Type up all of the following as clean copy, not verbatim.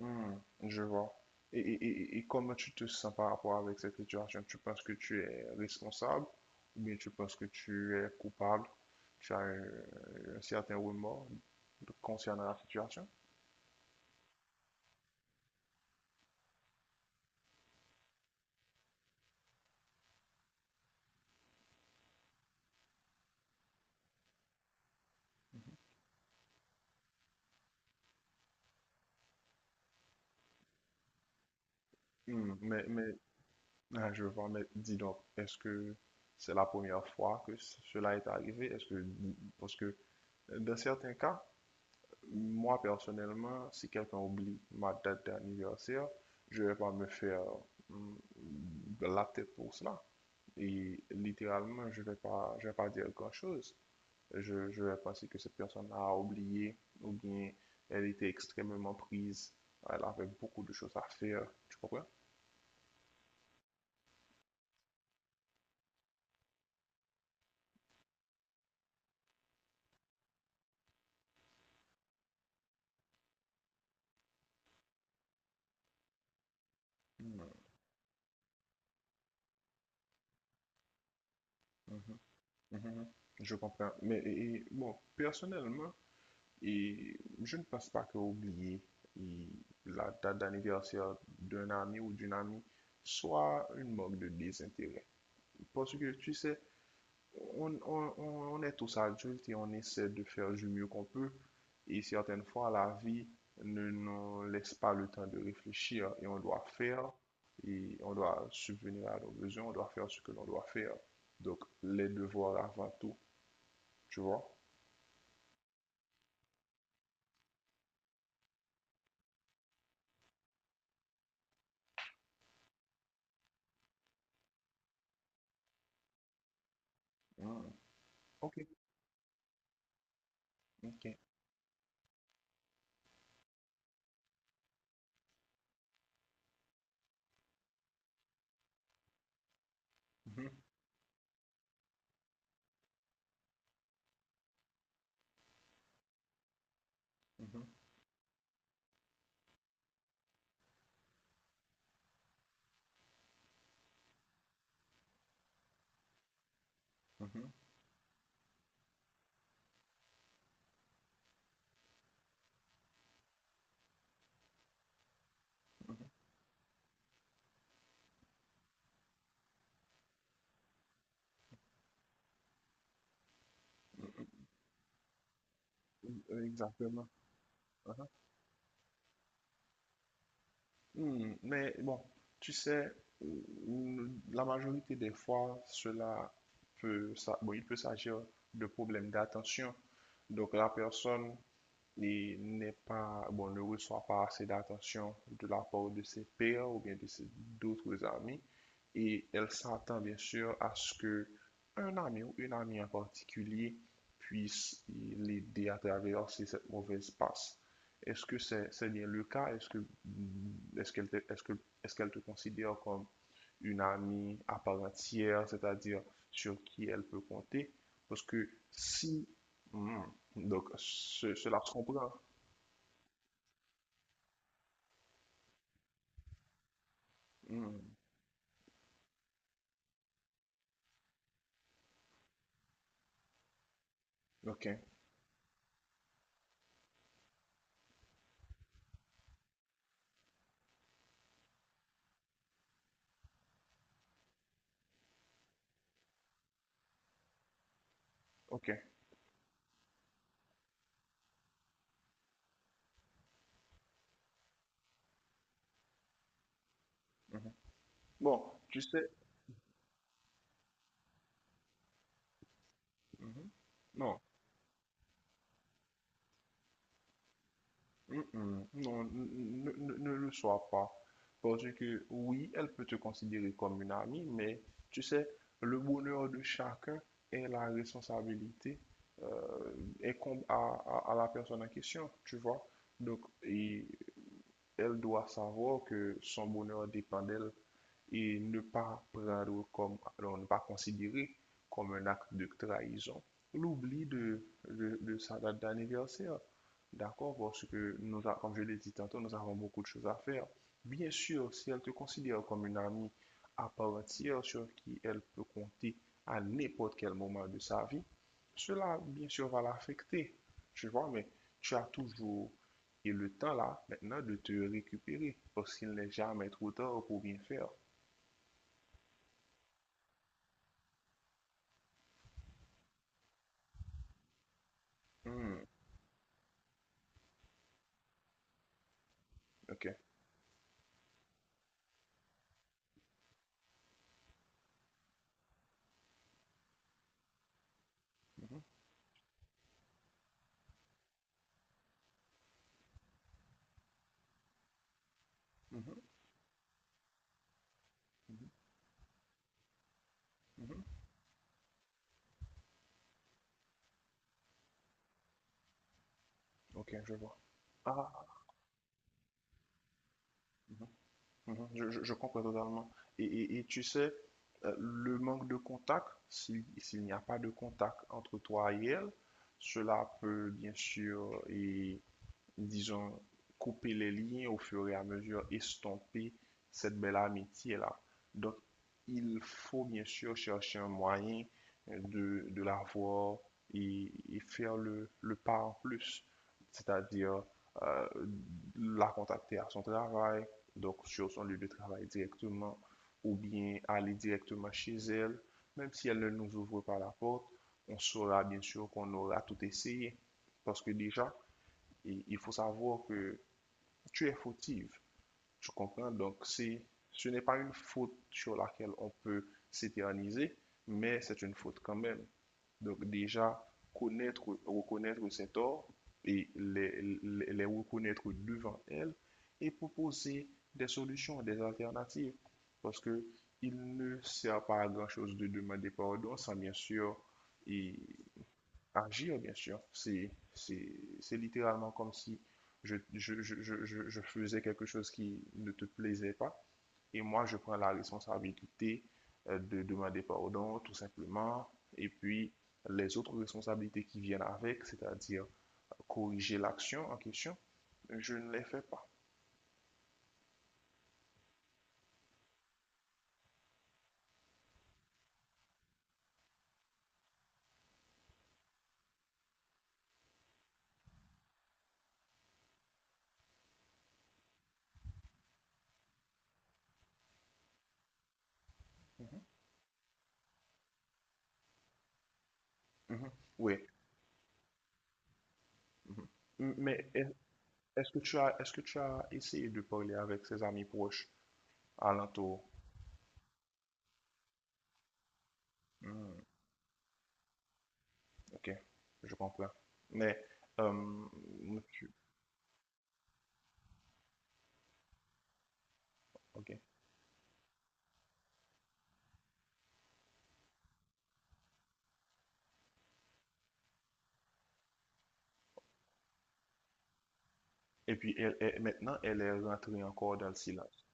Hmm, je vois. Et, et, et comment tu te sens par rapport avec cette situation? Tu penses que tu es responsable ou bien tu penses que tu es coupable? Tu as un certain remords concernant la situation? Hmm, mais, mais je vois, mais dis donc, est-ce que c'est la première fois que cela est arrivé? Parce que dans certains cas, moi, personnellement, si quelqu'un oublie ma date d'anniversaire, je ne vais pas me faire mm, de la tête pour cela. Et littéralement, je vais pas dire grand-chose. Je vais penser que cette personne a oublié ou bien elle était extrêmement prise. Elle avait beaucoup de choses à faire. Tu comprends? Mm, mhm, mhm. Je comprends. Mais bon, personnellement, et je ne pense pas que oublier la date d'anniversaire d'un ami ou d'une amie soit une marque de désintérêt. Parce que tu sais, on, on- on- est tous adultes et on essaie de faire du mieux qu'on peut. Et certaines fois, la vie ne nous laisse pas le temps de réfléchir et on doit subvenir à nos besoins, on doit faire ce que l'on doit faire. Donc, les devoirs avant tout, tu vois. Hmm. Ok, ok. Mhm, mhm, mhm, mhm. Exactement. Uh-huh. Hmm. Mais bon, tu sais, la majorité des fois, cela peut, ça, bon, il peut s'agir de problèmes d'attention. Donc la personne n'est pas, bon, ne reçoit pas assez d'attention de la part de ses pairs ou bien d'autres amis. Et elle s'attend bien sûr à ce que un ami ou une amie en particulier puisse l'aider à traverser cette mauvaise passe. Est-ce que c'est bien le cas? Est-ce que est-ce qu'elle te, est-ce que est-ce qu'elle te considère comme une amie à part entière, c'est-à-dire sur qui elle peut compter? Parce que si... Hmm. Donc, cela se comprend. Hmm. OK, OK. Mhm. Bon, tu sais. Mhm. Non. Mm-mm. Non, ne le sois pas. Parce que oui, elle peut te considérer comme une amie, mais tu sais, le bonheur de chacun et la responsabilité euh, incombe à la personne en question, tu vois. Donc... et Elle doit savoir que son bonheur dépend d'elle et ne pas prendre comme, alors ne pas considérer comme un acte de trahison. L'oubli de sa date d'anniversaire, d'accord, parce que nous, comme je l'ai dit tantôt, nous avons beaucoup de choses à faire. Bien sûr, si elle te considère comme une amie à part entière sur qui elle peut compter à n'importe quel moment de sa vie, cela, bien sûr, va l'affecter. Tu vois, mais tu as toujours le temps là, maintenant, de te récupérer, parce qu'il n'est jamais trop tard pour bien faire. Hmm. Ok. Mhm, mhm, mhm, mhm. Ok, je vois. Ah, mhm, mhm, je comprends totalement. Et tu sais, le manque de contact, s'il n'y a pas de contact entre toi et elle, cela peut bien sûr, disons, couper les liens au fur et à mesure, estomper cette belle amitié-là. Donc, il faut bien sûr chercher un moyen de la voir et faire le pas en plus, c'est-à-dire euh, la contacter à son travail, donc sur son lieu de travail directement, ou bien aller directement chez elle, même si elle ne nous ouvre pas la porte, on saura bien sûr qu'on aura tout essayé. Parce que déjà, il faut savoir que tu es fautive, tu comprends? Donc, c'est... Ce n'est pas une faute sur laquelle on peut s'éterniser, mais c'est une faute quand même. Donc, déjà, reconnaître ses torts et les reconnaître devant elle et proposer des solutions, des alternatives. Parce que il ne sert pas à grand-chose de demander pardon sans bien sûr et agir, bien sûr. C'est littéralement comme si faisais quelque chose qui ne te plaisait pas. Et moi, je prends la responsabilité, de demander pardon, tout simplement. Et puis, les autres responsabilités qui viennent avec, c'est-à-dire corriger l'action en question, je ne les fais pas. Mhm, mhm. Oui. Mhm. Mais est-ce que tu as essayé de parler avec ses amis proches alentour? Hmm. OK, je comprends. Mais, euh, tu- OK. Et puis, elle est, maintenant, elle est rentrée encore dans le silence.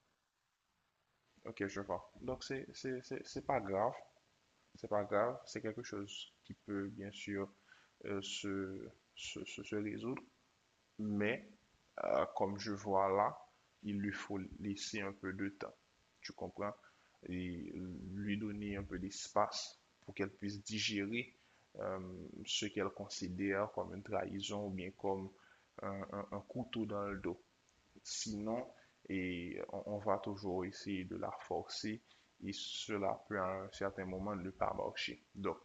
OK, je vois. Donc, c'est pas grave. C'est pas grave. C'est quelque chose qui peut, bien sûr, se, se résoudre. Mais comme je vois là, il lui faut laisser un peu de temps, tu comprends? Et lui donner un peu d'espace pour qu'elle puisse digérer euh, ce qu'elle considère comme une trahison ou bien comme un couteau dans le dos. Sinon, on va toujours essayer de la forcer et cela peut à un certain moment ne pas marcher. Donc,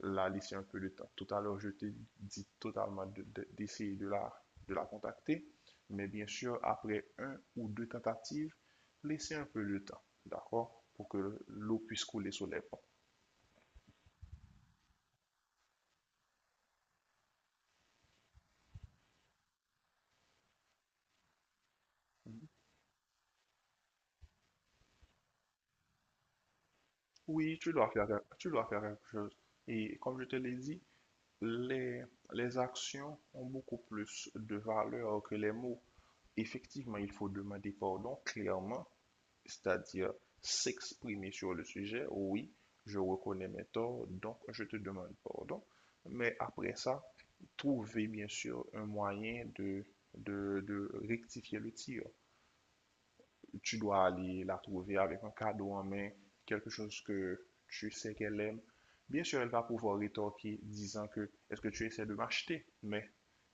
la laisser un peu de temps. Tout à l'heure, je t'ai dit totalement d'essayer de la contacter, mais bien sûr, après un ou deux tentatives, laisser un peu de temps, d'accord? Pour que l'eau puisse couler sur les ponts. Mm-hmm. Oui, tu dois faire quelque chose. Et comme je te l'ai dit, les, les actions ont beaucoup plus de valeur que les mots. Effectivement, il faut demander pardon clairement, c'est-à-dire s'exprimer sur le sujet. Oui, je reconnais mes torts, donc je te demande pardon. Mais après ça, trouver bien sûr un moyen de rectifier le tir. Tu dois aller la trouver avec un cadeau en main, quelque chose que tu sais qu'elle aime. Bien sûr, elle va pouvoir rétorquer disant que est-ce que tu essaies de m'acheter? Mais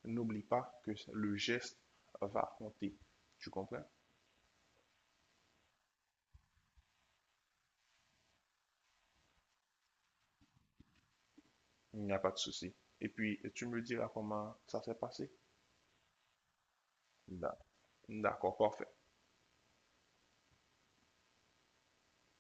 n'oublie pas que le geste va compter. Tu comprends? Il n'y a pas de souci. Et puis, tu me diras comment ça s'est passé? D'a- D'accord, parfait.